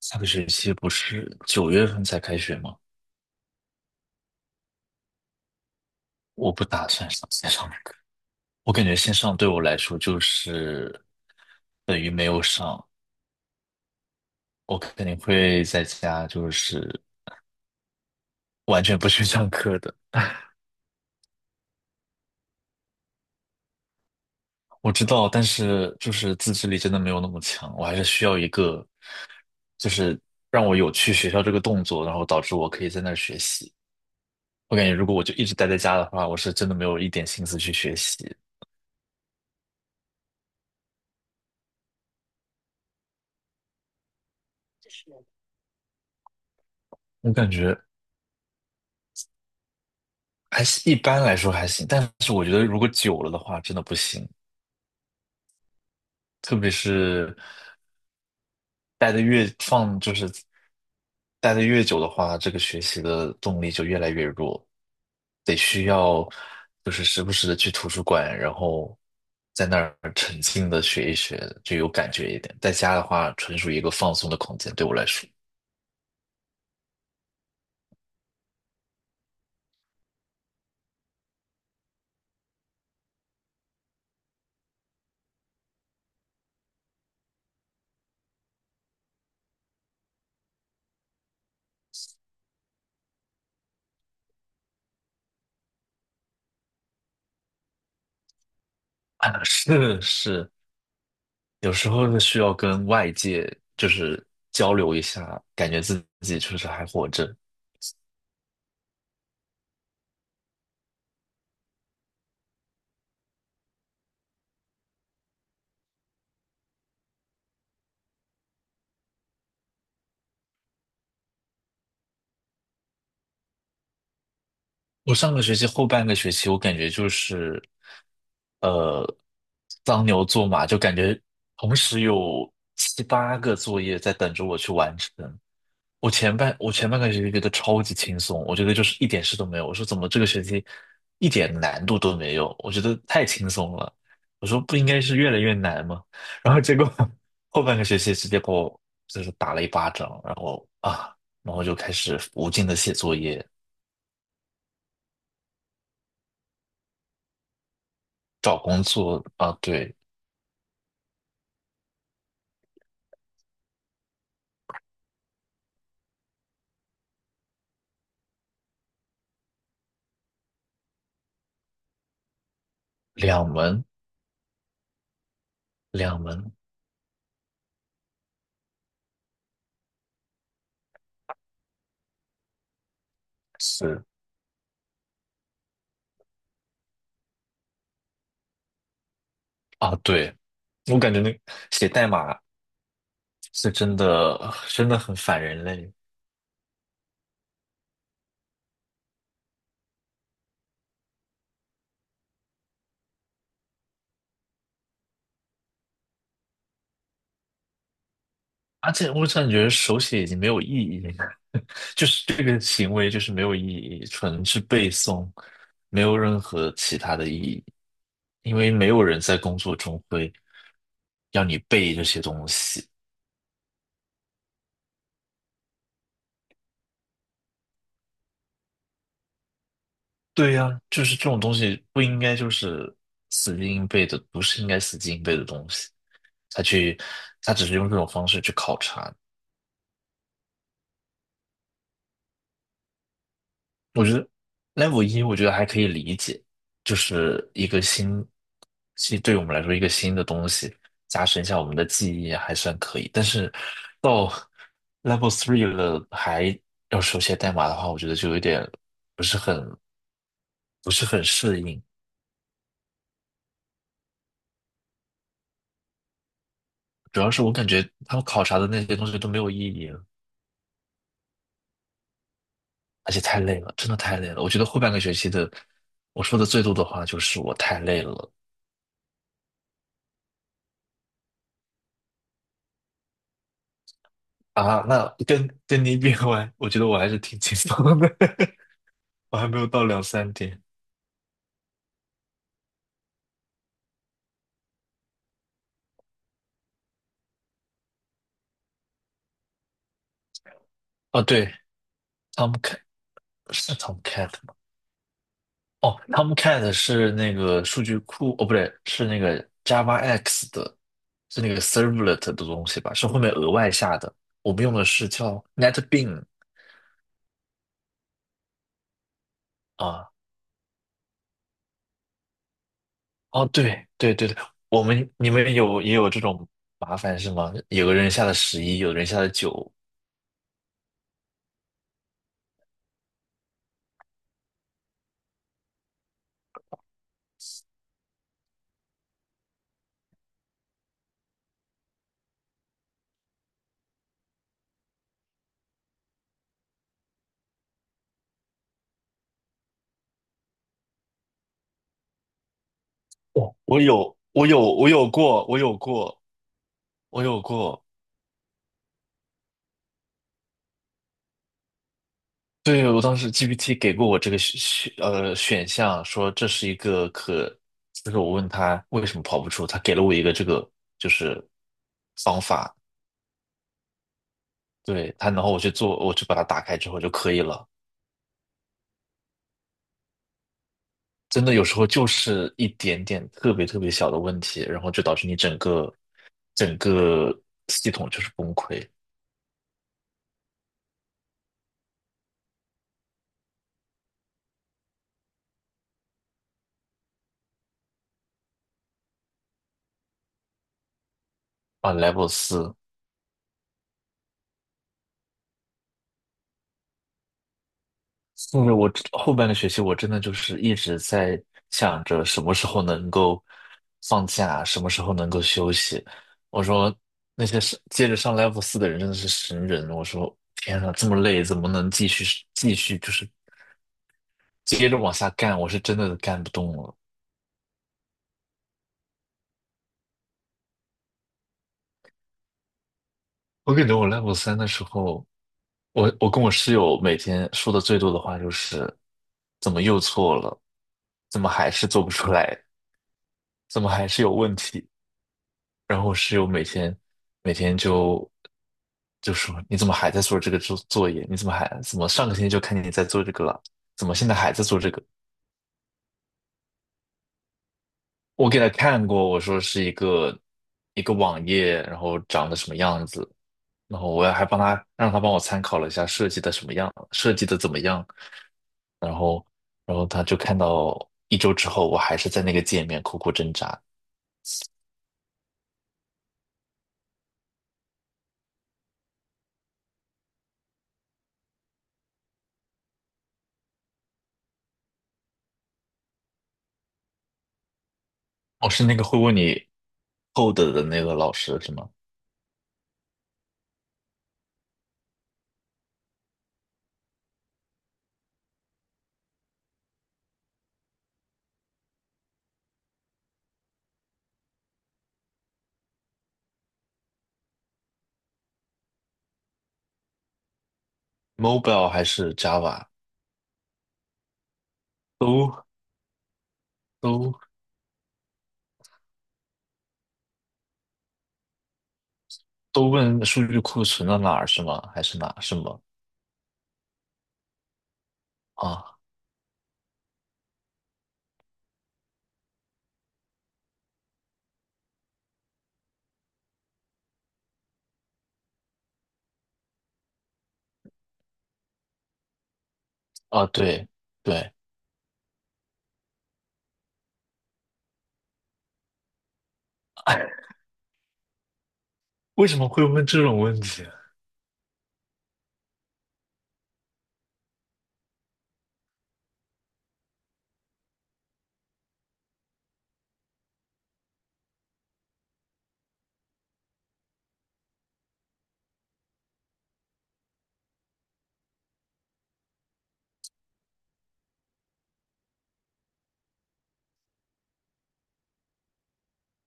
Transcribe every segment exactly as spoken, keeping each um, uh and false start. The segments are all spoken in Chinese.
下个学期不是九月份才开学吗？我不打算上线上的课，我感觉线上对我来说就是等于没有上，我肯定会在家就是完全不去上课的。我知道，但是就是自制力真的没有那么强，我还是需要一个就是让我有去学校这个动作，然后导致我可以在那儿学习。我感觉如果我就一直待在家的话，我是真的没有一点心思去学习。我感觉。还是一般来说还行，但是我觉得如果久了的话，真的不行。特别是待的越放，就是待的越久的话，这个学习的动力就越来越弱，得需要就是时不时的去图书馆，然后在那儿沉浸的学一学，就有感觉一点。在家的话，纯属一个放松的空间，对我来说。啊，是是，有时候是需要跟外界就是交流一下，感觉自己确实还活着。我上个学期后半个学期，我感觉就是，呃，当牛做马，就感觉同时有七八个作业在等着我去完成。我前半我前半个学期觉得超级轻松，我觉得就是一点事都没有。我说怎么这个学期一点难度都没有？我觉得太轻松了。我说不应该是越来越难吗？然后结果 后半个学期直接把我就是打了一巴掌，然后啊，然后就开始无尽的写作业、找工作啊，对。两门，两门是啊，对，我感觉那写代码是真的，真的很反人类，而且我感觉手写已经没有意义了，就是这个行为就是没有意义，纯是背诵，没有任何其他的意义，因为没有人在工作中会要你背这些东西。对呀，就是这种东西不应该就是死记硬背的，不是应该死记硬背的东西。他去，他只是用这种方式去考察。我觉得 level 一，我觉得还可以理解，就是一个新，其实对我们来说一个新的东西，加深一下我们的记忆还算可以。但是 level three 了，还要手写代码的话，我觉得就有点不是很不是很适应。主要是我感觉他们考察的那些东西都没有意义。而且太累了，真的太累了。我觉得后半个学期的，我说的最多的话就是我太累了啊。那跟跟你比完，我觉得我还是挺轻松的，我还没有到两三点。哦，对，Tomcat 是 Tomcat 吗？哦，Tomcat 是那个数据库，哦，不对，是那个 Java X 的，是那个 Servlet 的东西吧？是后面额外下的。我们用的是叫 n e t b e a n 啊。哦，对对对对，我们你们有也有这种麻烦是吗？有个人下了十一，有人下了九。哦，我有，我有，我有过，我有过，我有过。对，我当时 G P T 给过我这个选选呃选项，说这是一个可，就是我问他为什么跑不出，他给了我一个这个就是方法，对他，然后我去做，我去把它打开之后就可以了。真的有时候就是一点点特别特别小的问题，然后就导致你整个整个系统就是崩溃啊，level 四。甚至我后半个学期，我真的就是一直在想着什么时候能够放假，什么时候能够休息。我说那些是接着上 level 四的人真的是神人。我说天呐，这么累，怎么能继续继续就是接着往下干？我是真的干不动了。我感觉我 level 三的时候。我我跟我室友每天说的最多的话就是，怎么又错了？怎么还是做不出来？怎么还是有问题？然后我室友每天每天就就说你怎么还在做这个作作业？你怎么还怎么上个星期就看见你在做这个了？怎么现在还在做这个？我给他看过，我说是一个一个网页，然后长得什么样子，然后我还帮他让他帮我参考了一下设计的什么样，设计的怎么样。然后，然后他就看到一周之后，我还是在那个界面苦苦挣扎。哦，是那个会问你 code 的那个老师是吗？Mobile 还是 Java 都都都问数据库存到哪儿是吗？还是哪是吗？啊啊？对对，为什么会问这种问题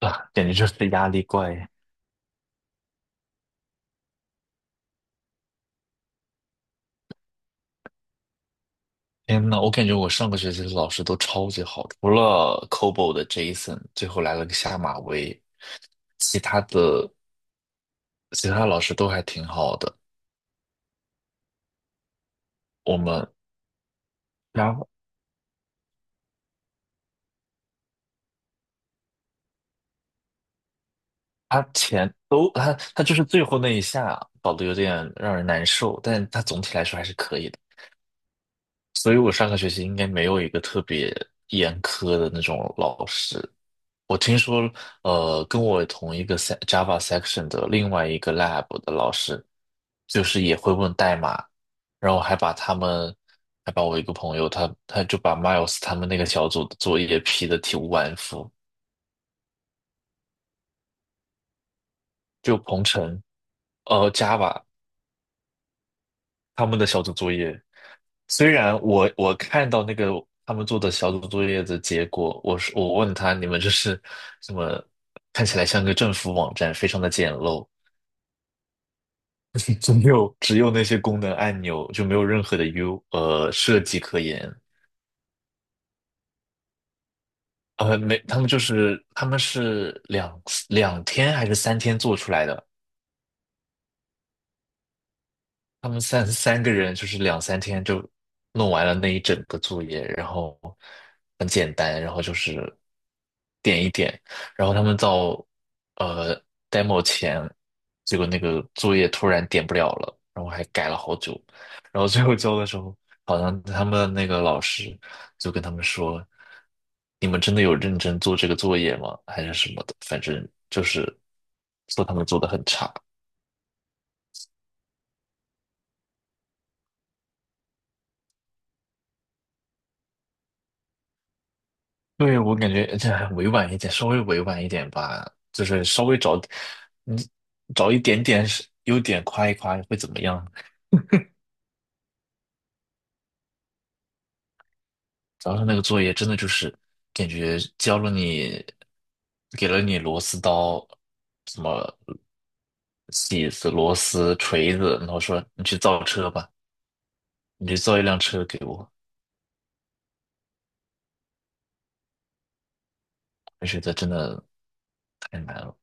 啊？感觉就是压力怪。天呐，我感觉我上个学期的老师都超级好的，除了 COBOL 的 Jason，最后来了个下马威，其他的。其他老师都还挺好的。我们，然后他前都他他就是最后那一下搞得有点让人难受，但他总体来说还是可以的。所以我上个学期应该没有一个特别严苛的那种老师。我听说，呃，跟我同一个 se- Java section 的另外一个 lab 的老师，就是也会问代码，然后还把他们，还把我一个朋友，他他就把 Miles 他们那个小组的作业批得体无完肤。就鹏程，呃 Java 他们的小组作业，虽然我我看到那个他们做的小组作业的结果，我是我问他你们这是什么？看起来像个政府网站，非常的简陋，只有只有那些功能按钮，就没有任何的 U 呃设计可言。呃，没，他们就是他们是两两天还是三天做出来的，他们三三个人就是两三天就弄完了那一整个作业，然后很简单，然后就是点一点，然后他们到呃 demo 前，结果那个作业突然点不了了，然后还改了好久，然后最后交的时候，好像他们那个老师就跟他们说："你们真的有认真做这个作业吗？还是什么的？反正就是说他们做的很差。"对，我感觉这还委婉一点，稍微委婉一点吧，就是稍微找，你找一点点是优点夸一夸会怎么样？主要是那个作业真的就是感觉教了你，给了你螺丝刀，什么起子、螺丝、锤子，然后说你去造车吧，你去造一辆车给我，我觉得真的太难了。